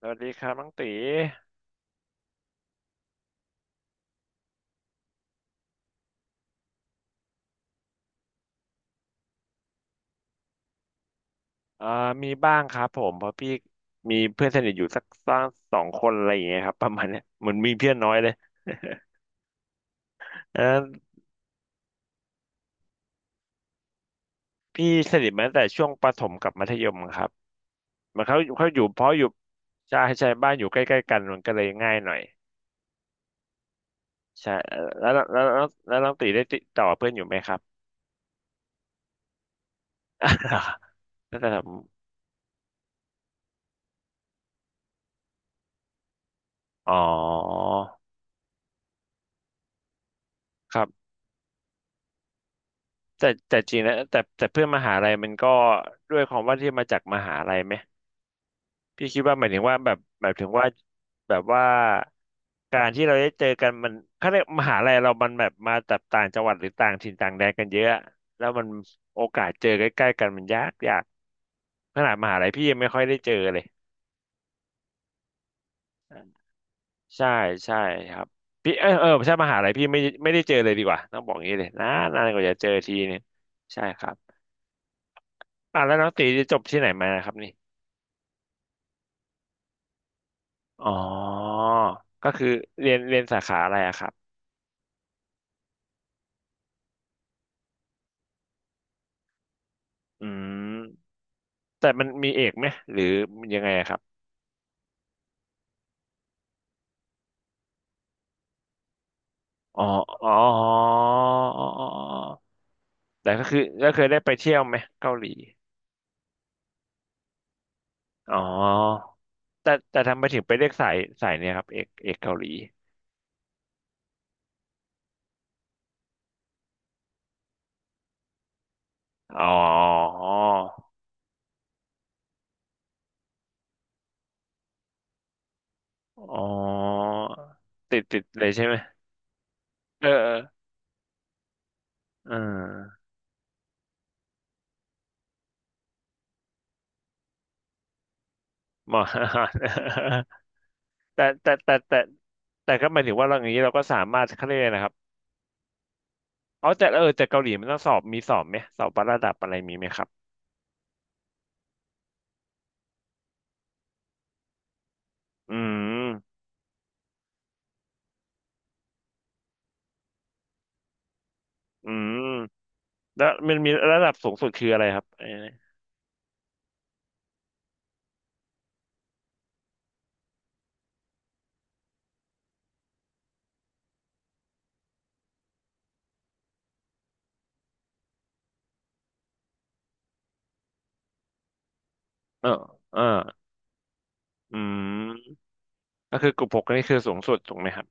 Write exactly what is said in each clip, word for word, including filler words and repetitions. สวัสดีครับน้องตีเอ่อมีบ้างครับผมเพราะพี่มีเพื่อนสนิทอยู่สักสองสองคนอะไรอย่างเงี้ยครับประมาณเนี้ยเหมือนมีเพื่อนน้อยเลยเลอพี่สนิทมาตั้งแต่ช่วงประถมกับมัธยมครับมันเขาเขาอยู่เพราะอยู่ใช่ใช่บ้านอยู่ใกล้ๆกันมันก็เลยง่ายหน่อยใช่เอ่อแล้วแล้วแล้วแล้วน้องตีได้ติดต่อเพื่อนอยู่ไหมครับ ตั้งแต่ผมอ๋อครับแต่แต่จริงแล้วแต่แต่เพื่อนมหาลัยมันก็ด้วยความว่าที่มาจากมหาลัยไหม พี่คิดว่าหมายถึงว่าแบบหมายถึงว่าแบบว่าการที่เราได้เจอกันมันเขาเรียกมหาลัยเรามันแบบมาจากต่างจังหวัดหรือต่างถิ่นต่างแดนกันเยอะแล้วมันโอกาสเจอใกล้ๆกันมันยากยากขนาดมหาลัยพี่ยังไม่ค่อยได้เจอเลยอ่าใช่ใช่ครับพี่เออเออใช่มหาลัยพี่ไม่ไม่ได้เจอเลยดีกว่าต้องบอกอย่างนี้เลยนานนานกว่าจะเจอทีเนี่ยใช่ครับอ่ะแล้วน้องตีจะจบที่ไหนมานะครับนี่อ๋อก็คือเรียนเรียนสาขาอะไรอะครับอืม แต่มันมีเอกไหมหรือมันยังไงอะครับอ๋ออ๋ออ๋ออ๋ออ๋อแต่ก็คือก็เคยได้ไปเที่ยวไหมเกาหลีอ๋อแต่แต่ทำไมถึงไปเลือกสายสายเนี่ยครับเอกเอกเกาหลีอ๋ออ๋อติดติดเลยใช่ไหมเออเออเออหมอ แต่แต่แต่แต่แต่ก็หมายถึงว่าเราอย่างนี้เราก็สามารถเขาเรียกอะไรนะครับอ๋อแต่เออแต่เกาหลีมันต้องสอบมีสอบไหมสอบวัดระดับอะไรมีไหมครับอืมอืม แล้วมันมีระดับสูงสุดคืออะไรครับไอ้นี่เออเอออืมก็คือกลุ่มหกนี่คือสูงสุดถูกไหมครับ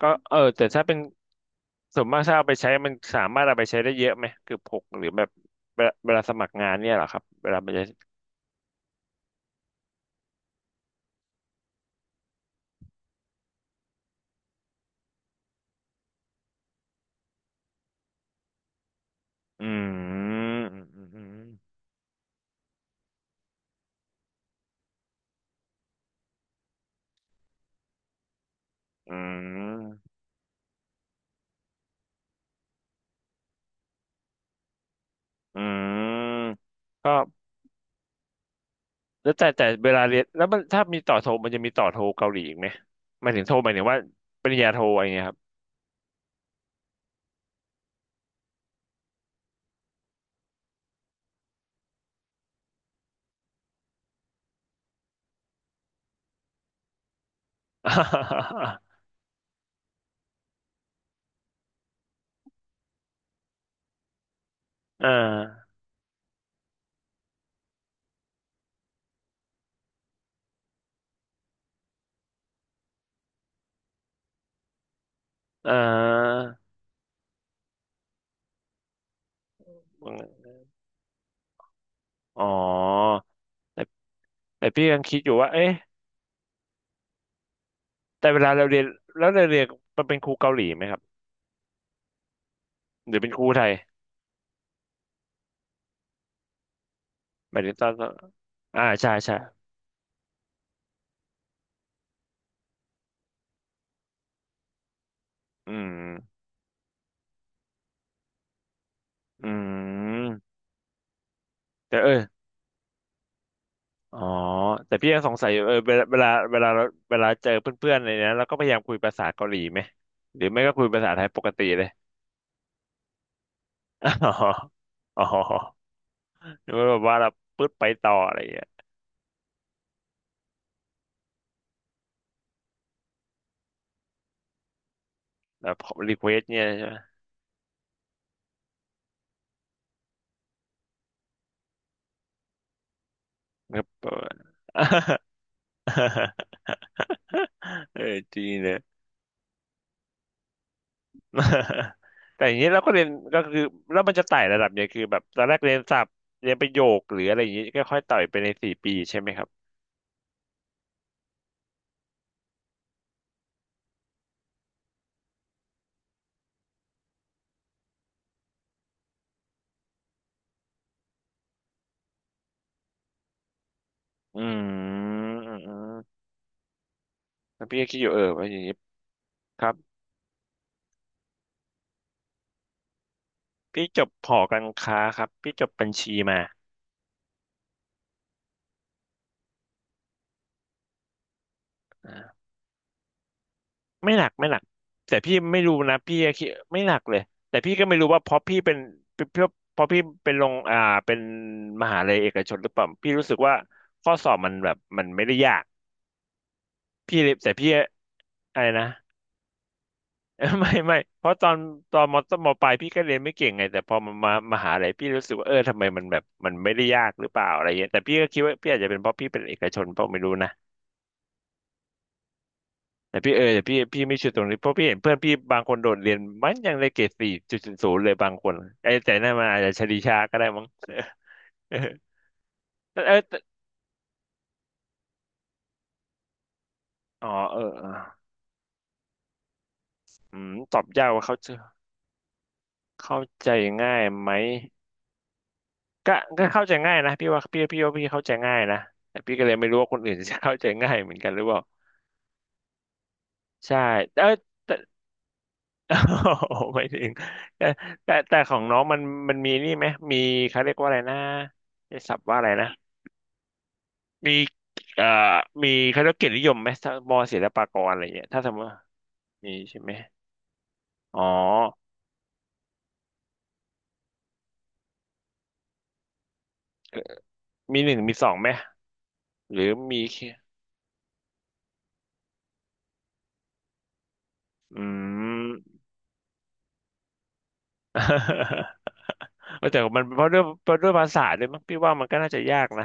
ก็เออแต่ถ้าเป็นส่วนมากถ้าเอาไปใช้มันสามารถเอาไปใช้ได้เยอะไหมกลุ่มหกหรือแบบเวลาเวลาสมัครงานเนี่ยเหรอครับเวลาไปใช้อืมอืมอืมอืมก็แล้วแต่แต่เวลาเรียนแล้วมันถ้ามีต่อโทมันจะมีต่อโทเกาหลีอีกไหมหมายถึงโทหมายถึงว่าปริญญาโทอะไรเงี้ยครับ อ่าอ่า อ๋อแต่แต่พี่ยังคิดอยู่ว่าเอ๊ะแต่เวลาเราเรียนแล้วเราเรียนมันเป็นครูเกาหลีไหมครับหรือเป็นครูไทยหมายถึงตอนอ่าใช่ใช่อืมอืมแต่เอออ๋อแต่พี่ยังสงสัยอยู่เออเวลาเวลาเวลาเราเวลาเจอเพื่อนๆอะไรเนี้ยเราก็พยายามคุยภาษาเกาหลีไหมหรือไม่ก็คุยภาษาไทยปกติเลย อ๋ออ๋อหรือว่าแบบว่าเราปึ๊ดไปต่ออะไรอย่างเงี้ยแบบรีเควสเนี่ยใช่ไหมครับ เออจริงเลย แต่อย่างนี้เราก็เรียนก็คือแล้วมันจะไต่ระดับเนี่ยคือแบบตอนแรกเรียนศัพท์เรียนประโยคหรืออะไรอย่างนี้ก็ค่อยไต่ไปในสี่ปีใช่ไหมครับอืมอืมอืมแล้วพี่ก็คิดอยู่เออว่าอย่างนี้ครับพี่จบหอการค้าครับพี่จบบัญชีมาอ่าไม่หนักไม่หนักแต่พี่ไม่รู้นะพี่ก็คิดไม่หนักเลยแต่พี่ก็ไม่รู้ว่าเพราะพี่เป็นเพราะเพราะพี่เป็นลงอ่าเป็นมหาลัยเอกชนหรือเปล่าพี่รู้สึกว่าข้อสอบมันแบบมันไม่ได้ยากพี่เลยแต่พี่อะไรนะ เออไม่ไม่เพราะตอนตอนมต้นมปลายพี่ก็เรียนไม่เก่งไงแต่พอมามามหาลัยพี่รู้สึกว่าเออทำไมมันแบบมันไม่ได้ยากหรือเปล่าอะไรเงี้ยแต่พี่ก็คิดว่าพี่อาจจะเป็นเพราะพี่เป็นเอกชนเปล่าไม่รู้นะแต่พี่เออแต่พี่พี่ไม่ชัวร์ตรงนี้เพราะพี่เห็นเพื่อนพี่บางคนโดดเรียนมันยังได้เกรดสี่จุดศูนย์ศูนย์เลยบางคนไอ้แต่นั่นมันอาจจะชลีชาก็ได้มั้งเออแต่เออแต่อ๋อเออเอออืมตอบยากว่าเขาจะเข้าใจง่ายไหม ก็ก็เข้าใจง่ายนะพี่ว่าพี่พี่ว่าพี่เข้าใจง่ายนะแต่พี่ก็เลยไม่รู้ว่าคนอื่น จะเข้าใจง่ายเหมือนกันหรือเปล่าใช่เออแต่ โอ้ไม่ถึงแต่แต่แต่ของน้องมันมันมีนี่ไหมมีเขาเรียกว่าอะไรนะใช้ศัพท์ว่าอะไรนะมีเอ่อมีเขาเรียกเกียรตินิยมไหมถ้ามอศิลปากรอะไรเงี้ยถ้าสมมติว่ามีใช่ไหมอ๋อเอ่อมีหนึ่งมีสองไหมหรือมีแค่อืม แต่มันเพราะด้วยเพราะด้วยภาษาด้วยมั้งพี่ว่ามันก็น่าจะยากนะ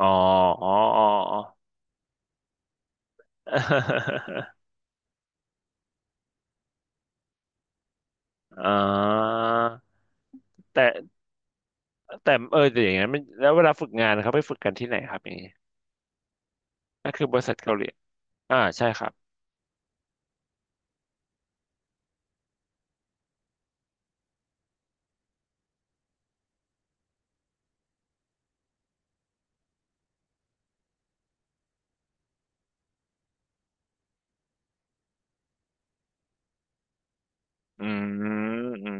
อ๋ออ๋ออ๋ออ๋อ อ่าแต่แต่เออแต่อย่างนั้นมันแล้วเวลาฝึกงานนะครับไปฝึกกันที่ไหนครับอย่างนี้นั่นคือบริษัทเกาหลีอ่าใช่ครับอืมอืม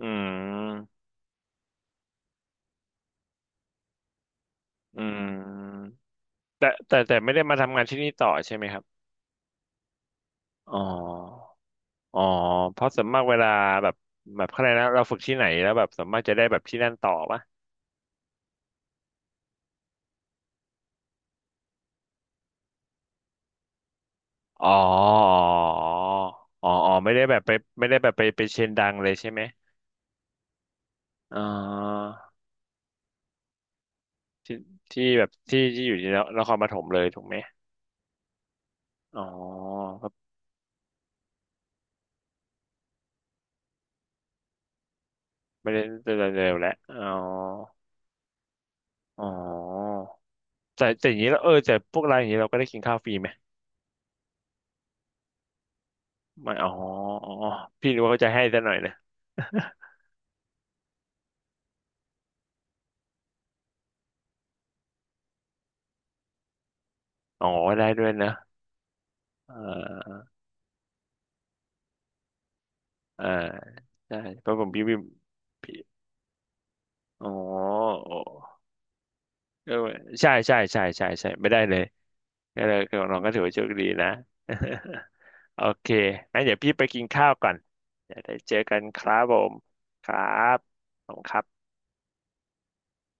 อืมอืมแต่แต่แต่ไม่ได้มาทำงานที่นี่ต่อใช่ไหมครับอ๋ออ๋อเพราะส่วนมากเวลาแบบแบบอะไรยกนะเราฝึกที่ไหนแล้วแบบส่วนมากจะได้แบบที่นั่นต่อปะอ๋ออ๋ออ๋ออ๋อไม่ได้แบบไปไม่ได้แบบไปไปเชนดังเลยใช่ไหม เอ๋อที่ที่แบบที่ที่อยู่ที่นครปฐมเลยถูกไหมอ๋อก็ไม่ได้เร็วๆแล้วอ๋ออ๋อแต่แต่อย่างนี้แล้วเออแต่พวกร้านอย่างนี้เราก็ได้กินข้าวฟรีไหมไม่อ๋ออ๋อพี่นึกว่าเขาจะให้ซะหน่อยนะ อ๋อได้ด้วยนะเอ่าอ่าใช่เพราะผมพี่วิมพี่อ๋อโอ้เออใช่ใช่ใช่ใช่ใช่ไม่ได้เลย ก็เลยก็น้องก็ถือ ว่าโชคดีนะ โอเคงั้นเดี๋ยวพี่ไปกินข้าวก่อนเดี๋ยวได้เจอกันครับผมครับผมครับ